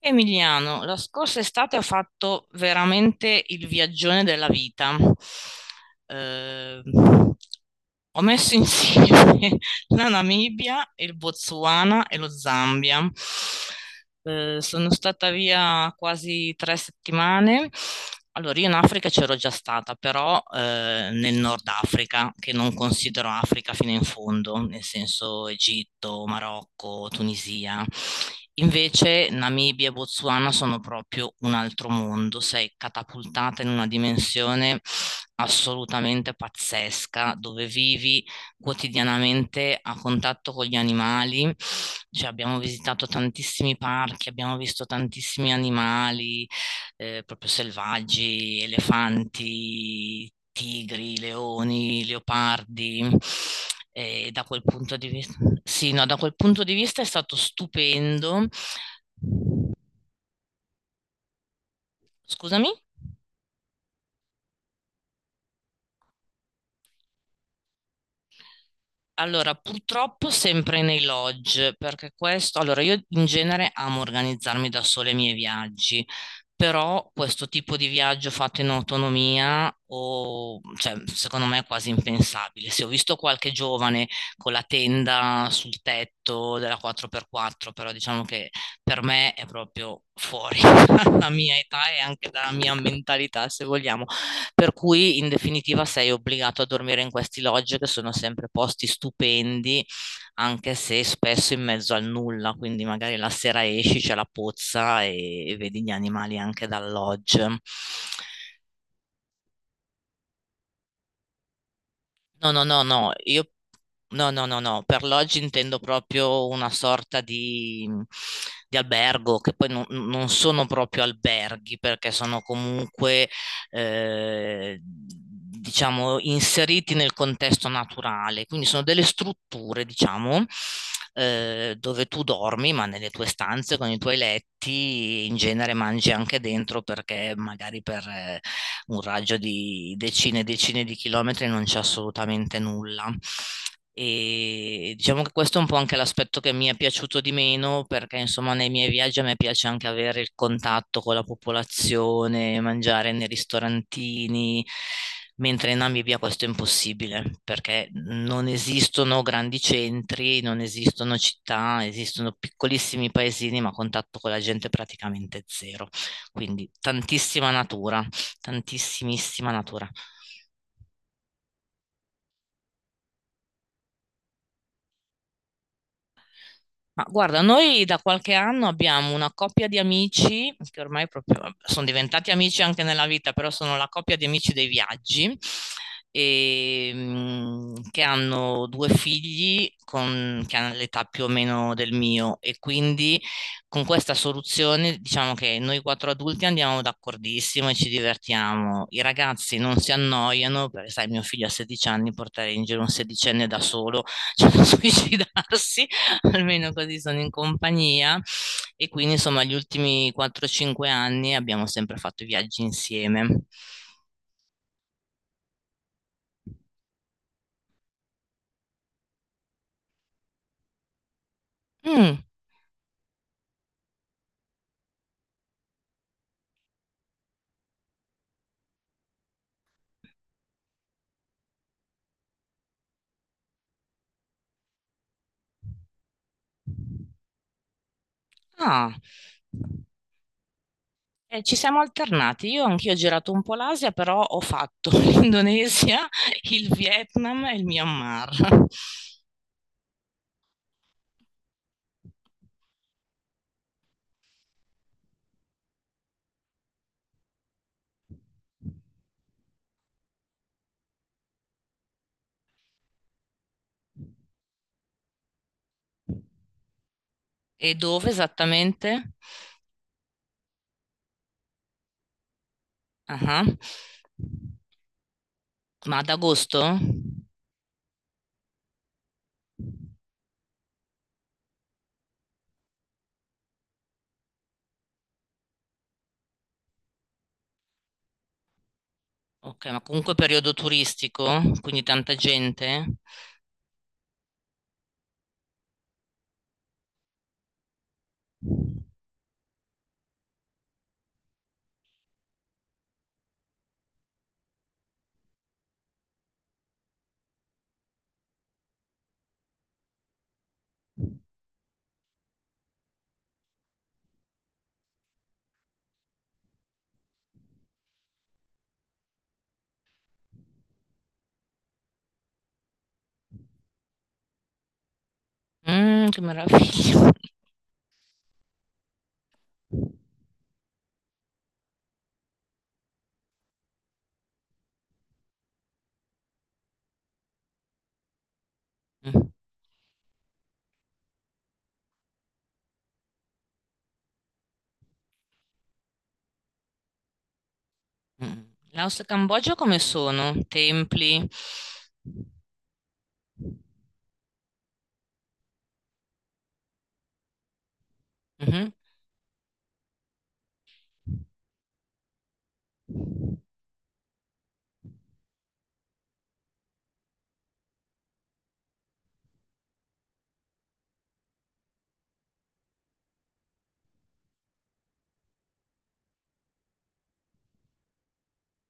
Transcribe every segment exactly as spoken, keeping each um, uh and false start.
Emiliano, la scorsa estate ho fatto veramente il viaggione della vita. Eh, Ho messo insieme la Namibia, il Botswana e lo Zambia. Eh, sono stata via quasi tre settimane. Allora, io in Africa c'ero già stata, però eh, nel Nord Africa, che non considero Africa fino in fondo, nel senso Egitto, Marocco, Tunisia. Invece Namibia e Botswana sono proprio un altro mondo, sei catapultata in una dimensione assolutamente pazzesca, dove vivi quotidianamente a contatto con gli animali, cioè abbiamo visitato tantissimi parchi, abbiamo visto tantissimi animali eh, proprio selvaggi, elefanti, tigri, leoni, leopardi. E da quel punto di vista, sì, no, da quel punto di vista è stato stupendo. Scusami? Allora, purtroppo sempre nei lodge, perché questo, allora io in genere amo organizzarmi da sola i miei viaggi, però questo tipo di viaggio fatto in autonomia, o, cioè, secondo me è quasi impensabile. Se ho visto qualche giovane con la tenda sul tetto della quattro per quattro, però diciamo che per me è proprio fuori dalla mia età e anche dalla mia mentalità, se vogliamo per cui in definitiva sei obbligato a dormire in questi lodge che sono sempre posti stupendi, anche se spesso in mezzo al nulla, quindi magari la sera esci, c'è la pozza e, e vedi gli animali anche dal lodge. No, no, no, no, io no, no, no, no, per loggi intendo proprio una sorta di, di albergo, che poi non, non sono proprio alberghi, perché sono comunque, eh, diciamo, inseriti nel contesto naturale, quindi sono delle strutture, diciamo, eh, dove tu dormi, ma nelle tue stanze, con i tuoi letti, in genere mangi anche dentro, perché magari per... eh, un raggio di decine e decine di chilometri non c'è assolutamente nulla. E diciamo che questo è un po' anche l'aspetto che mi è piaciuto di meno, perché insomma nei miei viaggi a me piace anche avere il contatto con la popolazione, mangiare nei ristorantini, mentre in Namibia questo è impossibile, perché non esistono grandi centri, non esistono città, esistono piccolissimi paesini, ma contatto con la gente praticamente zero. Quindi tantissima natura, tantissimissima natura. Ma guarda, noi da qualche anno abbiamo una coppia di amici, che ormai proprio vabbè, sono diventati amici anche nella vita, però sono la coppia di amici dei viaggi, e, mm, che hanno due figli con- che hanno l'età più o meno del mio e quindi con questa soluzione diciamo che noi quattro adulti andiamo d'accordissimo e ci divertiamo. I ragazzi non si annoiano, perché sai, mio figlio ha sedici anni, portare in giro un sedicenne da solo, cioè da suicidarsi. Almeno così sono in compagnia e quindi insomma gli ultimi quattro cinque anni abbiamo sempre fatto i viaggi insieme. Mm, ah. Eh, ci siamo alternati, io anch'io ho girato un po' l'Asia, però ho fatto l'Indonesia, il Vietnam e il Myanmar. E dove esattamente? Ah, ma ad agosto? Ok, ma comunque periodo turistico, quindi tanta gente. Mm, che meraviglia. Mh, mh-mh. Laos e Cambogia come sono? Templi? Mh-mh.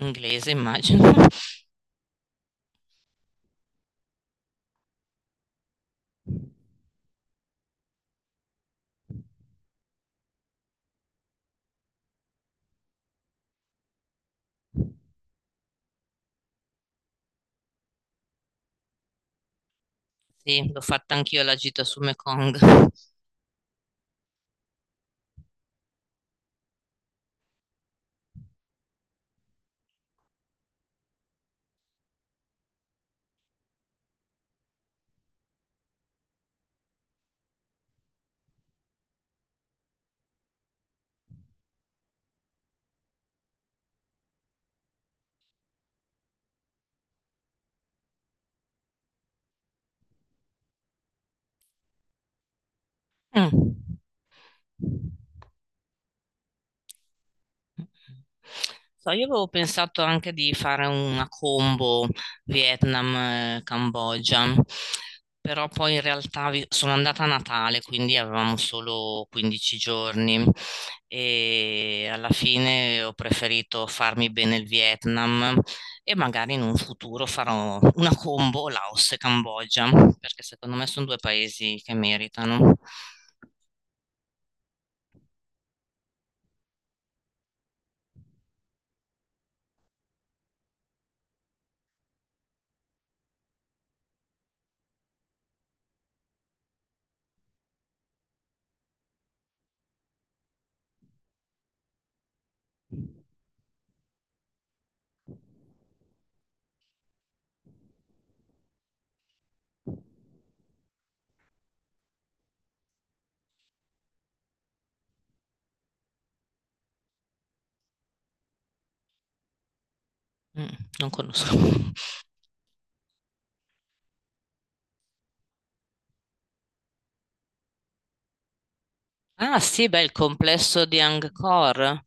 Inglese immagino. Sì, l'ho fatta anch'io la gita su Mekong. Mh. So, io avevo pensato anche di fare una combo Vietnam-Cambogia, però poi in realtà vi- sono andata a Natale, quindi avevamo solo quindici giorni e alla fine ho preferito farmi bene il Vietnam e magari in un futuro farò una combo Laos e Cambogia, perché secondo me sono due paesi che meritano. Mm, non conosco. Ah sì, beh, il complesso di Angkor.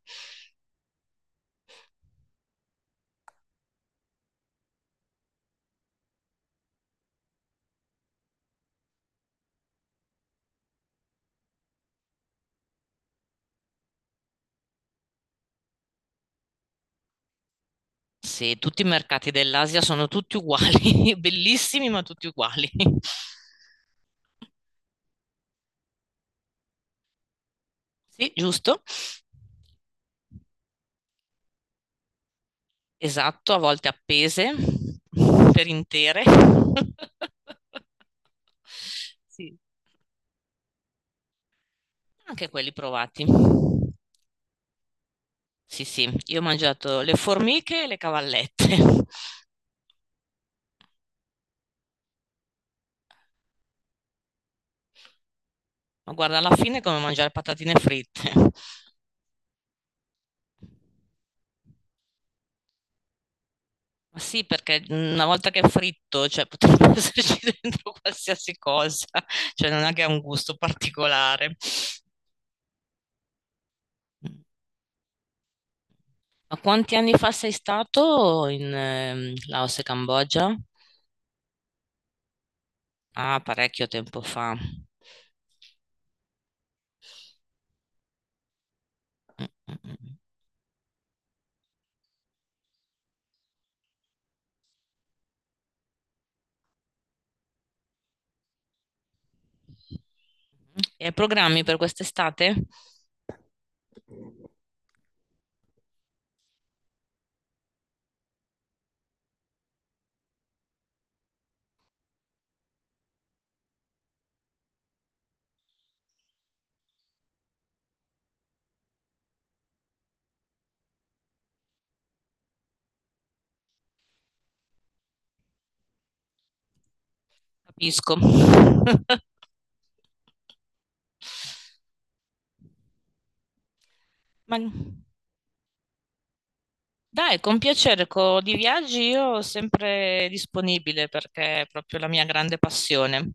Sì, tutti i mercati dell'Asia sono tutti uguali, bellissimi ma tutti uguali. Sì, giusto. Esatto, a volte appese per intere. Sì, anche quelli provati. Sì, sì, io ho mangiato le formiche e le cavallette. Ma guarda, alla fine è come mangiare patatine fritte. Ma sì, perché una volta che è fritto, cioè potrebbe esserci dentro qualsiasi cosa, cioè non è che ha un gusto particolare. Ma quanti anni fa sei stato in ehm, Laos e Cambogia? Ah, parecchio tempo fa. Mm, mm, mm. E hai programmi per quest'estate? Capisco. Ma dai, con piacere, co- di viaggi io sempre disponibile perché è proprio la mia grande passione.